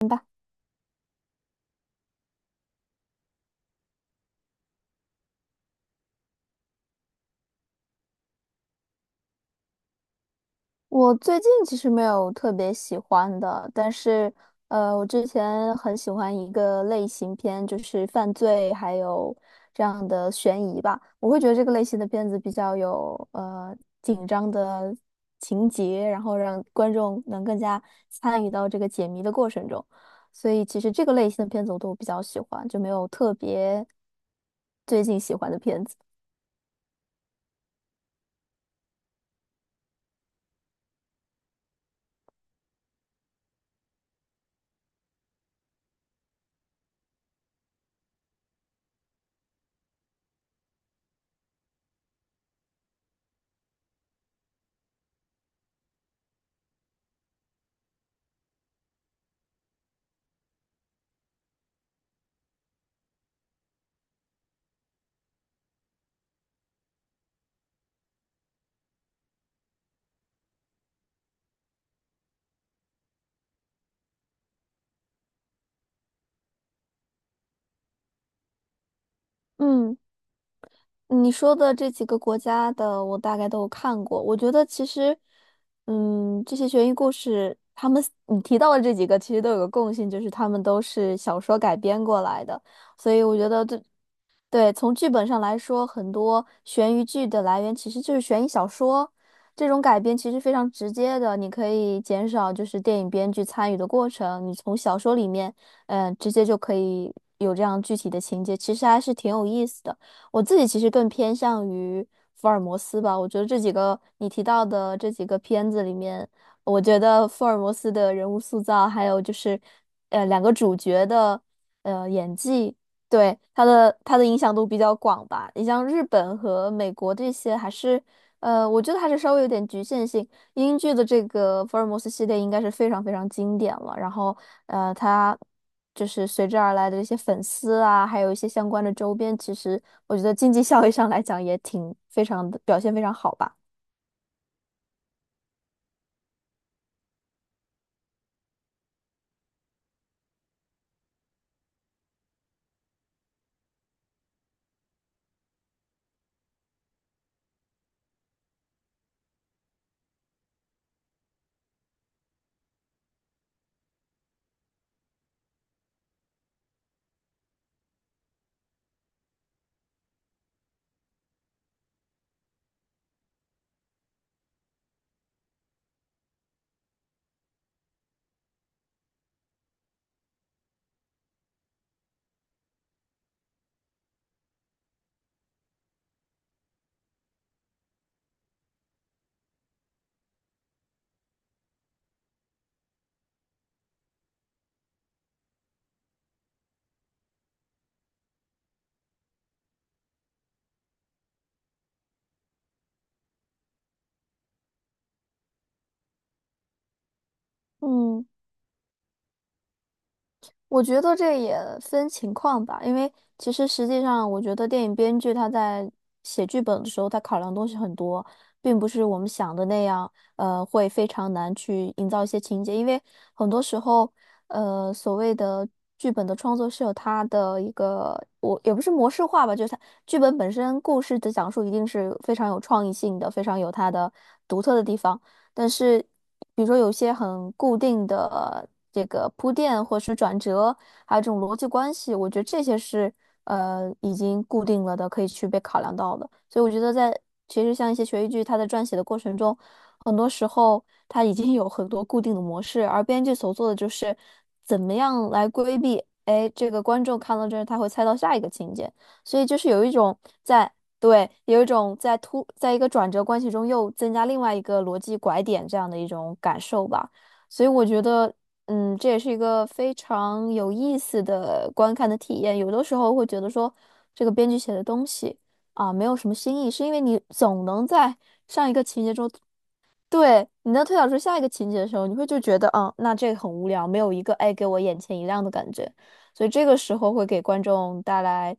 明白。我最近其实没有特别喜欢的，但是我之前很喜欢一个类型片，就是犯罪还有这样的悬疑吧。我会觉得这个类型的片子比较有紧张的情节，然后让观众能更加参与到这个解谜的过程中。所以其实这个类型的片子我都比较喜欢，就没有特别最近喜欢的片子。嗯。你说的这几个国家的，我大概都有看过。我觉得其实，嗯，这些悬疑故事，他们你提到的这几个，其实都有个共性，就是他们都是小说改编过来的。所以我觉得这对，从剧本上来说，很多悬疑剧的来源其实就是悬疑小说，这种改编其实非常直接的，你可以减少就是电影编剧参与的过程，你从小说里面，嗯、直接就可以有这样具体的情节，其实还是挺有意思的。我自己其实更偏向于福尔摩斯吧，我觉得这几个你提到的这几个片子里面，我觉得福尔摩斯的人物塑造，还有就是，两个主角的演技。对，它的影响度比较广吧。你像日本和美国这些，还是我觉得还是稍微有点局限性。英剧的这个福尔摩斯系列应该是非常非常经典了。然后它就是随之而来的这些粉丝啊，还有一些相关的周边，其实我觉得经济效益上来讲也挺非常的表现非常好吧。嗯。我觉得这也分情况吧，因为其实实际上，我觉得电影编剧他在写剧本的时候，他考量东西很多，并不是我们想的那样，会非常难去营造一些情节，因为很多时候，所谓的剧本的创作是有它的一个，我也不是模式化吧，就是它剧本本身故事的讲述一定是非常有创意性的，非常有它的独特的地方。但是比如说有些很固定的这个铺垫或是转折，还有这种逻辑关系，我觉得这些是已经固定了的，可以去被考量到的。所以我觉得在其实像一些悬疑剧，它在撰写的过程中，很多时候它已经有很多固定的模式，而编剧所做的就是怎么样来规避。哎，这个观众看到这儿，他会猜到下一个情节，所以就是有一种在。对，有一种在突，在一个转折关系中又增加另外一个逻辑拐点这样的一种感受吧。所以我觉得，嗯，这也是一个非常有意思的观看的体验。有的时候会觉得说，这个编剧写的东西啊，没有什么新意，是因为你总能在上一个情节中对，你能推导出下一个情节的时候，你会就觉得，嗯，那这个很无聊，没有一个哎给我眼前一亮的感觉，所以这个时候会给观众带来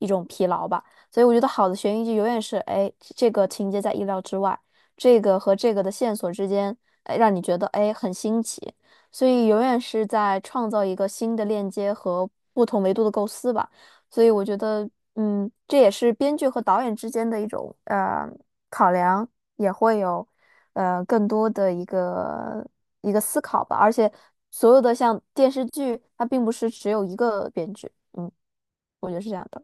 一种疲劳吧。所以我觉得好的悬疑剧永远是，哎，这个情节在意料之外，这个和这个的线索之间，哎，让你觉得哎很新奇，所以永远是在创造一个新的链接和不同维度的构思吧。所以我觉得，嗯，这也是编剧和导演之间的一种考量，也会有更多的一个思考吧。而且所有的像电视剧，它并不是只有一个编剧，嗯，我觉得是这样的。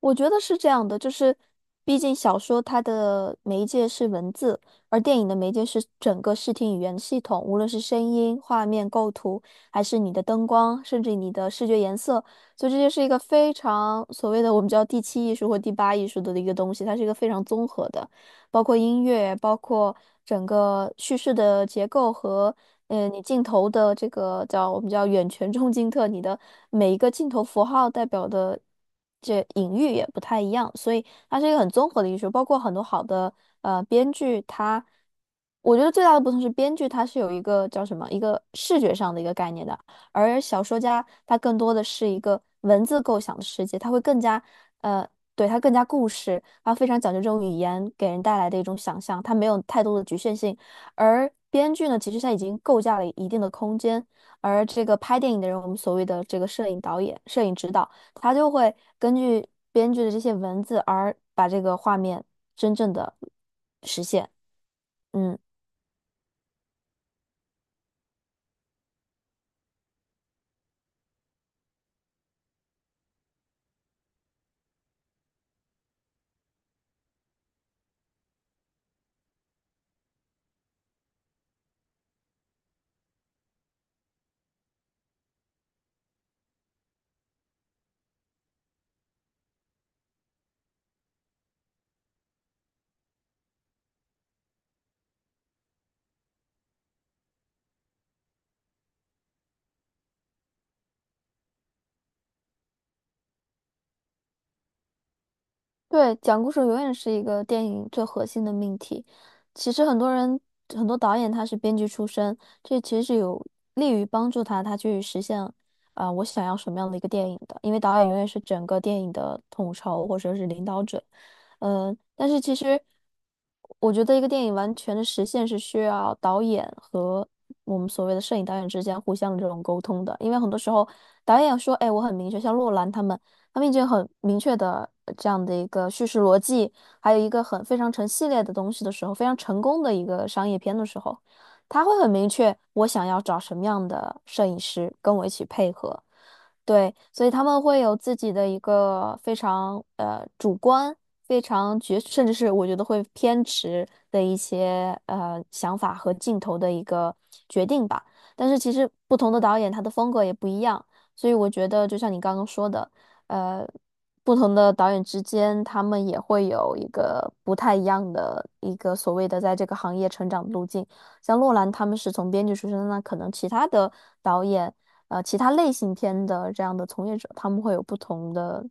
我觉得是这样的，就是毕竟小说它的媒介是文字，而电影的媒介是整个视听语言系统，无论是声音、画面、构图，还是你的灯光，甚至你的视觉颜色，所以这就是一个非常所谓的我们叫第七艺术或第八艺术的一个东西，它是一个非常综合的。包括音乐，包括整个叙事的结构和你镜头的这个叫我们叫远全中近特，你的每一个镜头符号代表的这隐喻也不太一样，所以它是一个很综合的艺术，包括很多好的编剧，它我觉得最大的不同是编剧它是有一个叫什么一个视觉上的一个概念的。而小说家他更多的是一个文字构想的世界，他会更加，呃，对，他更加故事，他非常讲究这种语言给人带来的一种想象，他没有太多的局限性。而编剧呢，其实他已经构架了一定的空间，而这个拍电影的人，我们所谓的这个摄影导演、摄影指导，他就会根据编剧的这些文字而把这个画面真正的实现。嗯。对，讲故事永远是一个电影最核心的命题。其实很多人，很多导演他是编剧出身，这其实是有利于帮助他，他去实现啊、我想要什么样的一个电影的。因为导演永远是整个电影的统筹或者是领导者。嗯、但是其实我觉得一个电影完全的实现是需要导演和我们所谓的摄影导演之间互相的这种沟通的，因为很多时候导演说，哎，我很明确，像洛兰他们。他们已经很明确的这样的一个叙事逻辑，还有一个很非常成系列的东西的时候，非常成功的一个商业片的时候，他会很明确我想要找什么样的摄影师跟我一起配合。对，所以他们会有自己的一个非常主观、非常绝，甚至是我觉得会偏执的一些想法和镜头的一个决定吧。但是其实不同的导演他的风格也不一样，所以我觉得就像你刚刚说的。呃，不同的导演之间，他们也会有一个不太一样的一个所谓的在这个行业成长的路径。像洛兰他们是从编剧出身，那可能其他的导演，其他类型片的这样的从业者，他们会有不同的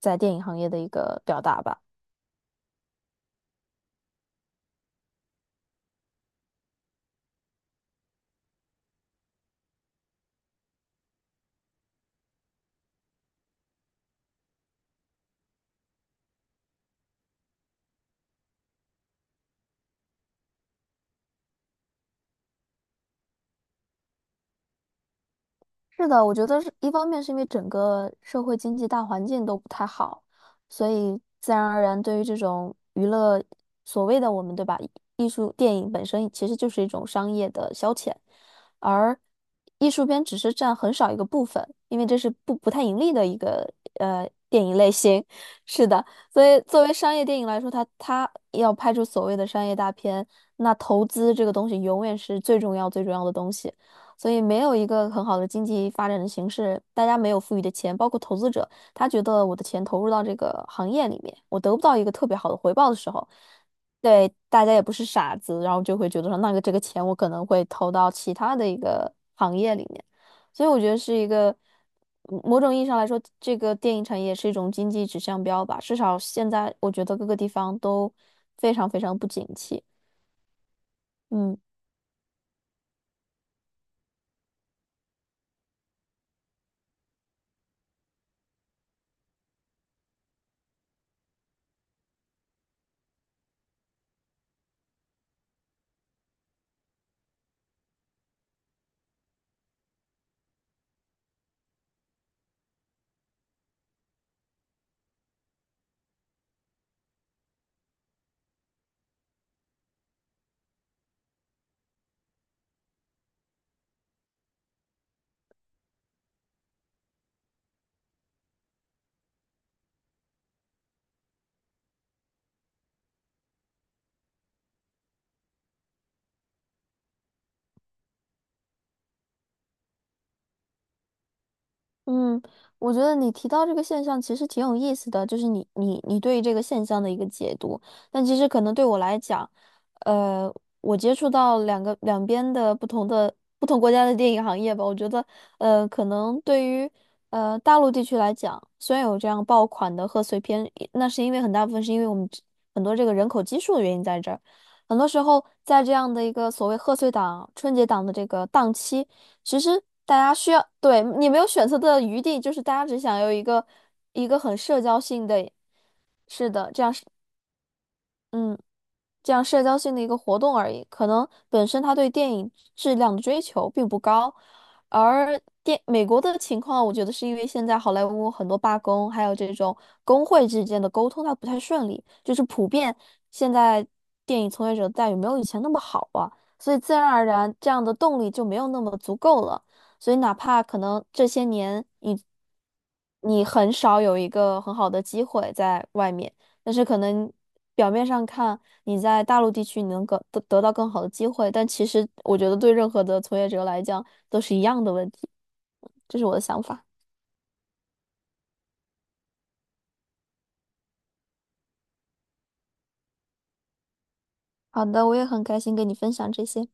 在电影行业的一个表达吧。是的，我觉得是一方面是因为整个社会经济大环境都不太好，所以自然而然对于这种娱乐，所谓的我们对吧，艺术电影本身其实就是一种商业的消遣，而艺术片只是占很少一个部分，因为这是不太盈利的一个电影类型。是的，所以作为商业电影来说，它要拍出所谓的商业大片，那投资这个东西永远是最重要最重要的东西。所以没有一个很好的经济发展的形势，大家没有富裕的钱，包括投资者，他觉得我的钱投入到这个行业里面，我得不到一个特别好的回报的时候，对，大家也不是傻子，然后就会觉得说，那个这个钱我可能会投到其他的一个行业里面，所以我觉得是一个。嗯，某种意义上来说，这个电影产业是一种经济指向标吧，至少现在我觉得各个地方都非常非常不景气。嗯。嗯，我觉得你提到这个现象其实挺有意思的，就是你对于这个现象的一个解读。但其实可能对我来讲，呃，我接触到两个两边的不同国家的电影行业吧，我觉得，可能对于大陆地区来讲，虽然有这样爆款的贺岁片，那是因为很大部分是因为我们这很多这个人口基数的原因在这儿。很多时候，在这样的一个所谓贺岁档、春节档的这个档期。其实大家需要，对，你没有选择的余地，就是大家只想有一个很社交性的，是的，这样是，嗯。这样社交性的一个活动而已。可能本身他对电影质量的追求并不高，而电美国的情况，我觉得是因为现在好莱坞很多罢工，还有这种工会之间的沟通，它不太顺利，就是普遍现在电影从业者的待遇没有以前那么好啊，所以自然而然这样的动力就没有那么足够了。所以哪怕可能这些年你很少有一个很好的机会在外面。但是可能表面上看你在大陆地区你能更得到更好的机会，但其实我觉得对任何的从业者来讲都是一样的问题，嗯这是我的想法。好的，我也很开心跟你分享这些。